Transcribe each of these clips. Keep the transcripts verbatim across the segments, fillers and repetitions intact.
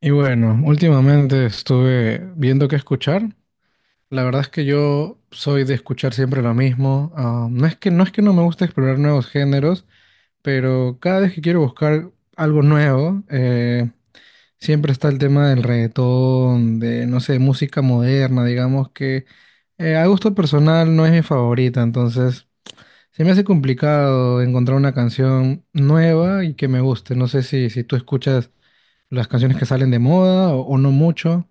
Y bueno, últimamente estuve viendo qué escuchar. La verdad es que yo soy de escuchar siempre lo mismo. Ah, no es que, no es que no me gusta explorar nuevos géneros, pero cada vez que quiero buscar algo nuevo, eh, siempre está el tema del reggaetón, de, no sé, música moderna, digamos que eh, a gusto personal no es mi favorita, entonces se me hace complicado encontrar una canción nueva y que me guste. No sé si, si tú escuchas las canciones que salen de moda o o no mucho.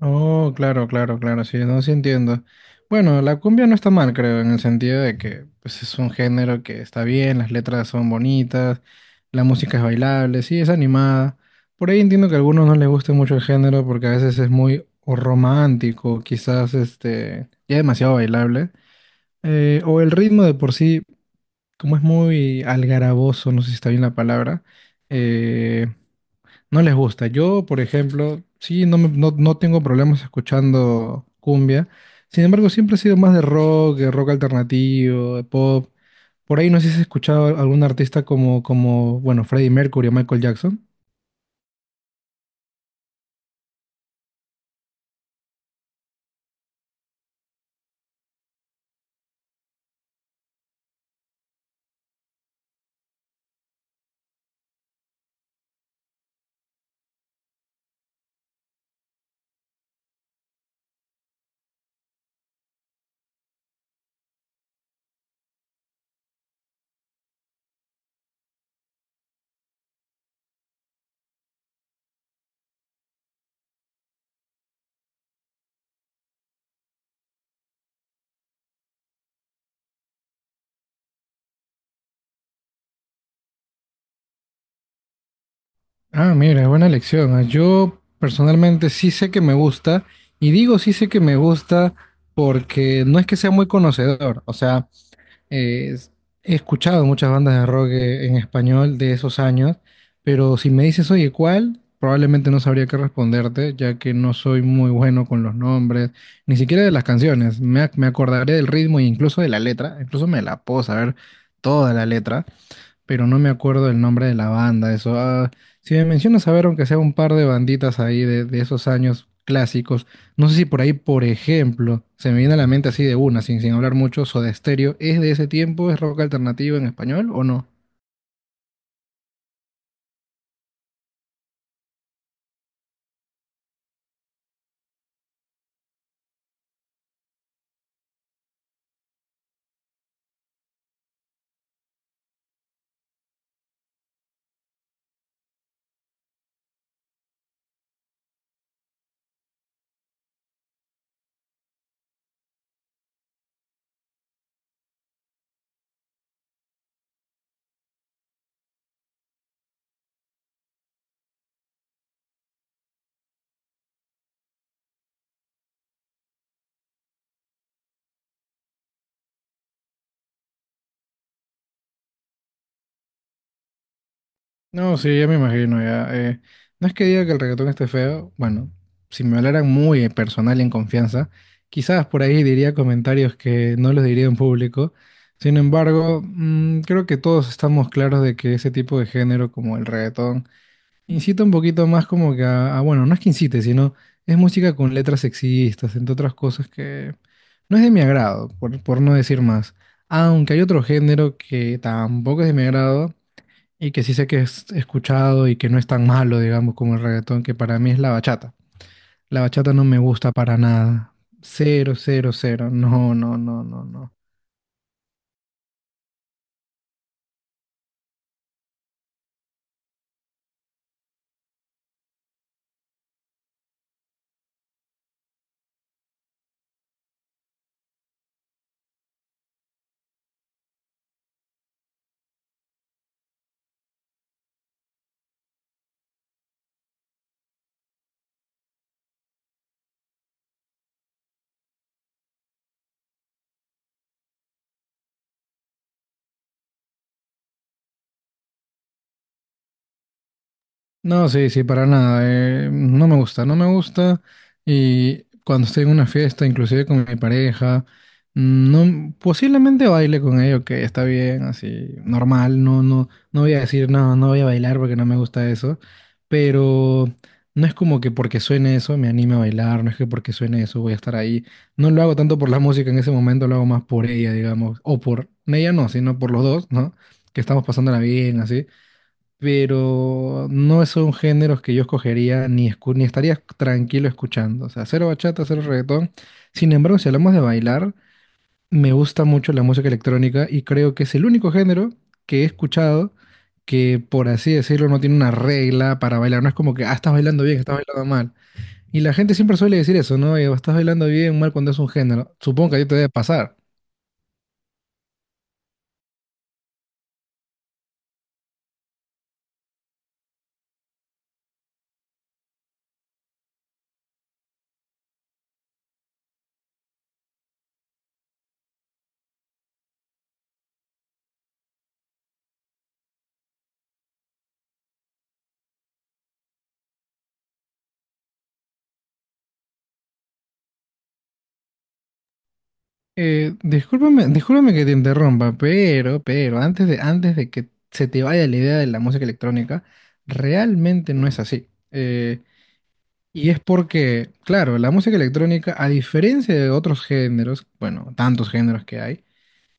Oh, claro, claro, claro, sí, no, sí entiendo. Bueno, la cumbia no está mal, creo, en el sentido de que pues, es un género que está bien, las letras son bonitas, la música es bailable, sí, es animada. Por ahí entiendo que a algunos no les guste mucho el género porque a veces es muy o romántico, quizás este, ya demasiado bailable. Eh, o el ritmo de por sí, como es muy algaraboso, no sé si está bien la palabra, eh, no les gusta. Yo, por ejemplo, sí, no, me- no, no tengo problemas escuchando cumbia. Sin embargo, siempre he sido más de rock, de rock alternativo, de pop. Por ahí no sé si has escuchado a algún artista como, como, bueno, Freddie Mercury o Michael Jackson. Ah, mira, buena elección. Ah, Yo personalmente sí sé que me gusta, y digo sí sé que me gusta porque no es que sea muy conocedor. O sea, Eh, es- he escuchado muchas bandas de rock eh, en español de esos años, pero si me dices, oye, ¿cuál? Probablemente no sabría qué responderte, ya que no soy muy bueno con los nombres, ni siquiera de las canciones. Me, ac- me acordaré del ritmo e incluso de la letra, incluso me la puedo saber toda la letra, pero no me acuerdo el nombre de la banda, eso. Ah, si me mencionas, a ver, aunque sea un par de banditas ahí de, de esos años clásicos, no sé si por ahí, por ejemplo, se me viene a la mente así de una, sin, sin hablar mucho, Soda Stereo, ¿es de ese tiempo? ¿Es rock alternativo en español o no? No, sí, ya me imagino, ya. Eh, no es que diga que el reggaetón esté feo, bueno, si me hablaran muy personal y en confianza, quizás por ahí diría comentarios que no los diría en público. Sin embargo, mm, creo que todos estamos claros de que ese tipo de género como el reggaetón incita un poquito más como que a, a, bueno, no es que incite, sino es música con letras sexistas, entre otras cosas que no es de mi agrado, por, por no decir más. Aunque hay otro género que tampoco es de mi agrado y que sí sé que es escuchado y que no es tan malo, digamos, como el reggaetón, que para mí es la bachata. La bachata no me gusta para nada. Cero, cero, cero. No, no, no, no, no. No, sí, sí, para nada. Eh, no me gusta, no me gusta. Y cuando estoy en una fiesta, inclusive con mi pareja, mm, no, posiblemente baile con ello, que está bien, así, normal. No, no, no voy a decir, no, no voy a bailar porque no me gusta eso. Pero no es como que porque suene eso me anime a bailar, no es que porque suene eso voy a estar ahí. No lo hago tanto por la música en ese momento, lo hago más por ella, digamos. O por ella no, sino por los dos, ¿no? Que estamos pasándola bien, así pero no son géneros que yo escogería ni, escu- ni estaría tranquilo escuchando. O sea, cero bachata, cero reggaetón. Sin embargo, si hablamos de bailar, me gusta mucho la música electrónica y creo que es el único género que he escuchado que, por así decirlo, no tiene una regla para bailar. No es como que, ah, estás bailando bien, estás bailando mal. Y la gente siempre suele decir eso, ¿no? Eh, estás bailando bien, mal cuando es un género. Supongo que a ti te debe pasar. Eh, discúlpame, discúlpame que te interrumpa, pero, pero, antes de, antes de que se te vaya la idea de la música electrónica, realmente no es así. Eh, y es porque, claro, la música electrónica, a diferencia de otros géneros, bueno, tantos géneros que hay,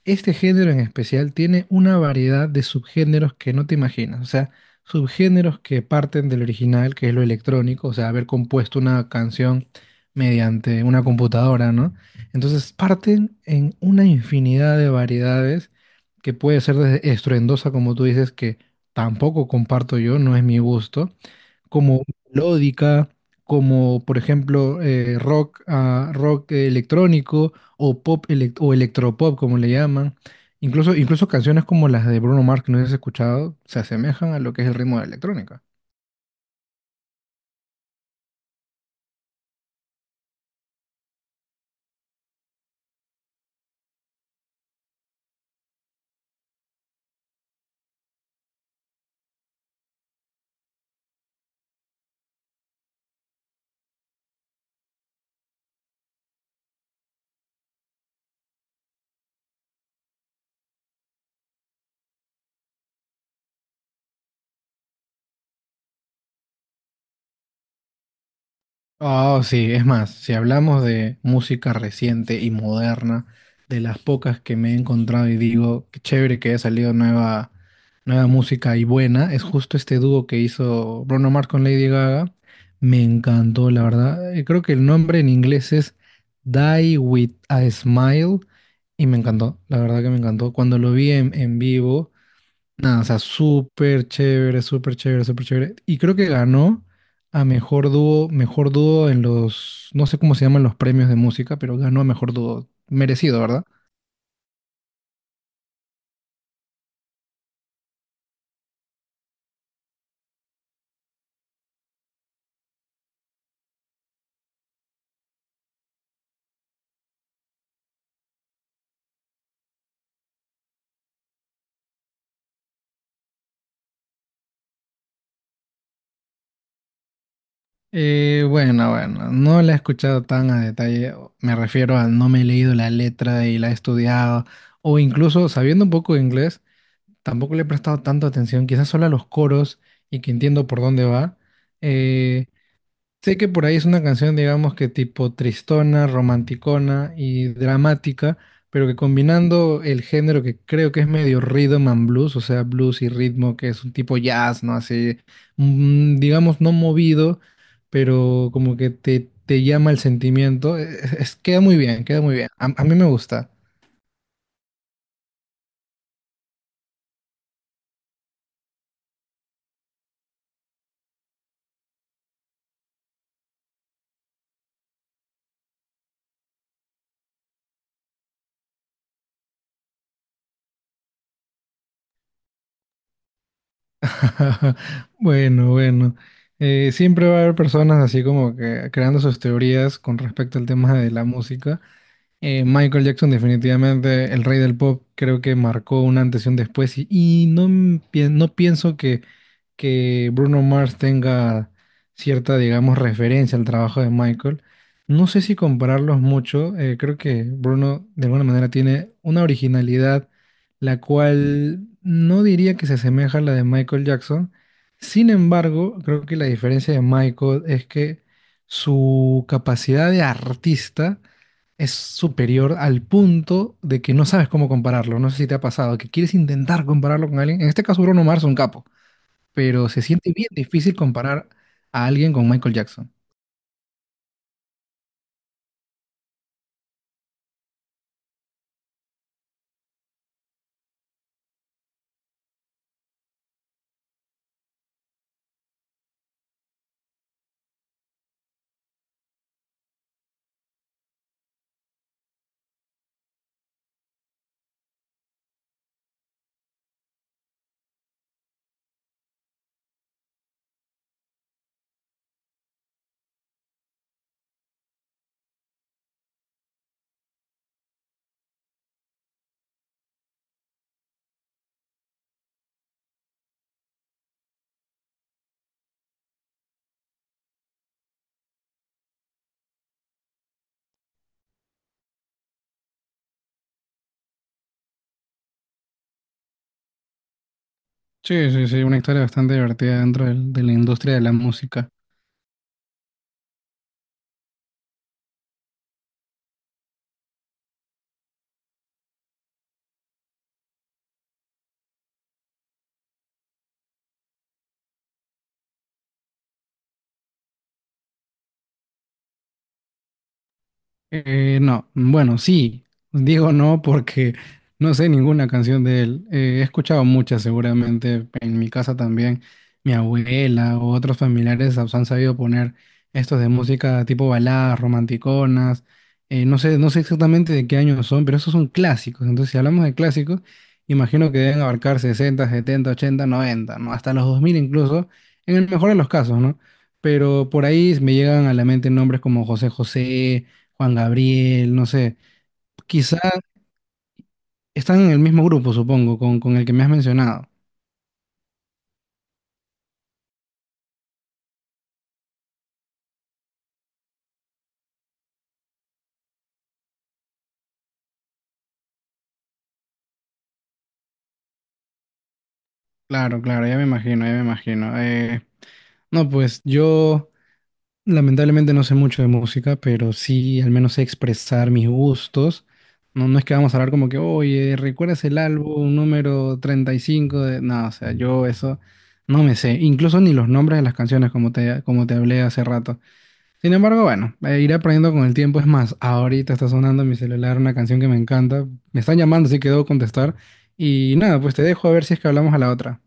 este género en especial tiene una variedad de subgéneros que no te imaginas, o sea, subgéneros que parten del original, que es lo electrónico, o sea, haber compuesto una canción mediante una computadora, ¿no? Entonces parten en una infinidad de variedades que puede ser desde estruendosa, como tú dices, que tampoco comparto yo, no es mi gusto, como melódica, como por ejemplo eh, rock, ah, rock eh, electrónico o pop elec- o electropop, como le llaman. Incluso, incluso canciones como las de Bruno Mars, que no has escuchado, se asemejan a lo que es el ritmo de la electrónica. Oh, sí, es más, si hablamos de música reciente y moderna, de las pocas que me he encontrado y digo, qué chévere que haya salido nueva, nueva música y buena, es justo este dúo que hizo Bruno Mars con Lady Gaga. Me encantó, la verdad. Eh, Creo que el nombre en inglés es Die With a Smile y me encantó, la verdad que me encantó. Cuando lo vi en, en vivo. Nada, o sea, súper chévere, súper chévere, súper chévere. Y creo que ganó a mejor dúo, mejor dúo en los, no sé cómo se llaman los premios de música, pero ganó a mejor dúo. Merecido, ¿verdad? Eh, bueno, bueno, no la he escuchado tan a detalle. Me refiero a no me he leído la letra y la he estudiado. O incluso sabiendo un poco de inglés, tampoco le he prestado tanta atención, quizás solo a los coros y que entiendo por dónde va. Eh, Sé que por ahí es una canción, digamos que tipo tristona, romanticona y dramática, pero que combinando el género que creo que es medio rhythm and blues, o sea, blues y ritmo, que es un tipo jazz, ¿no? Así, mm, digamos, no movido, pero como que te, te llama el sentimiento. Es- es- queda muy bien, queda muy bien. A, a mí me gusta. Bueno, bueno. Eh, siempre va a haber personas así como que creando sus teorías con respecto al tema de la música. Eh, Michael Jackson definitivamente el rey del pop, creo que marcó un antes y un después y, y no, m- pien- no pienso que, que Bruno Mars tenga cierta, digamos, referencia al trabajo de Michael. No sé si compararlos mucho, eh, creo que Bruno de alguna manera tiene una originalidad la cual no diría que se asemeja a la de Michael Jackson. Sin embargo, creo que la diferencia de Michael es que su capacidad de artista es superior al punto de que no sabes cómo compararlo. No sé si te ha pasado, que quieres intentar compararlo con alguien. En este caso, Bruno Mars es un capo, pero se siente bien difícil comparar a alguien con Michael Jackson. Sí, sí, sí, una historia bastante divertida dentro del- de la industria de la música. Eh, no, bueno, sí, digo no porque no sé ninguna canción de él. Eh, he escuchado muchas seguramente en mi casa también. Mi abuela o otros familiares han han sabido poner estos de música tipo baladas, romanticonas. Eh, no sé, no sé exactamente de qué años son, pero esos son clásicos. Entonces, si hablamos de clásicos, imagino que deben abarcar sesenta setenta ochenta noventa ¿no? Hasta los dos mil incluso, en el mejor de los casos, ¿no? Pero por ahí me llegan a la mente nombres como José José Juan Gabriel, no sé. Quizá están en el mismo grupo, supongo, con, con el que me has mencionado. Claro, claro, ya me imagino, ya me imagino. Eh, no, pues yo lamentablemente no sé mucho de música, pero sí al menos sé expresar mis gustos. No, no es que vamos a hablar como que, oye, ¿recuerdas el álbum número treinta y cinco de...? No, o sea, yo eso no me sé. Incluso ni los nombres de las canciones, como te, como te hablé hace rato. Sin embargo, bueno, eh, iré aprendiendo con el tiempo. Es más, ahorita está sonando en mi celular una canción que me encanta. Me están llamando, así que debo contestar. Y nada, pues te dejo a ver si es que hablamos a la otra.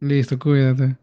Listo, cuídate.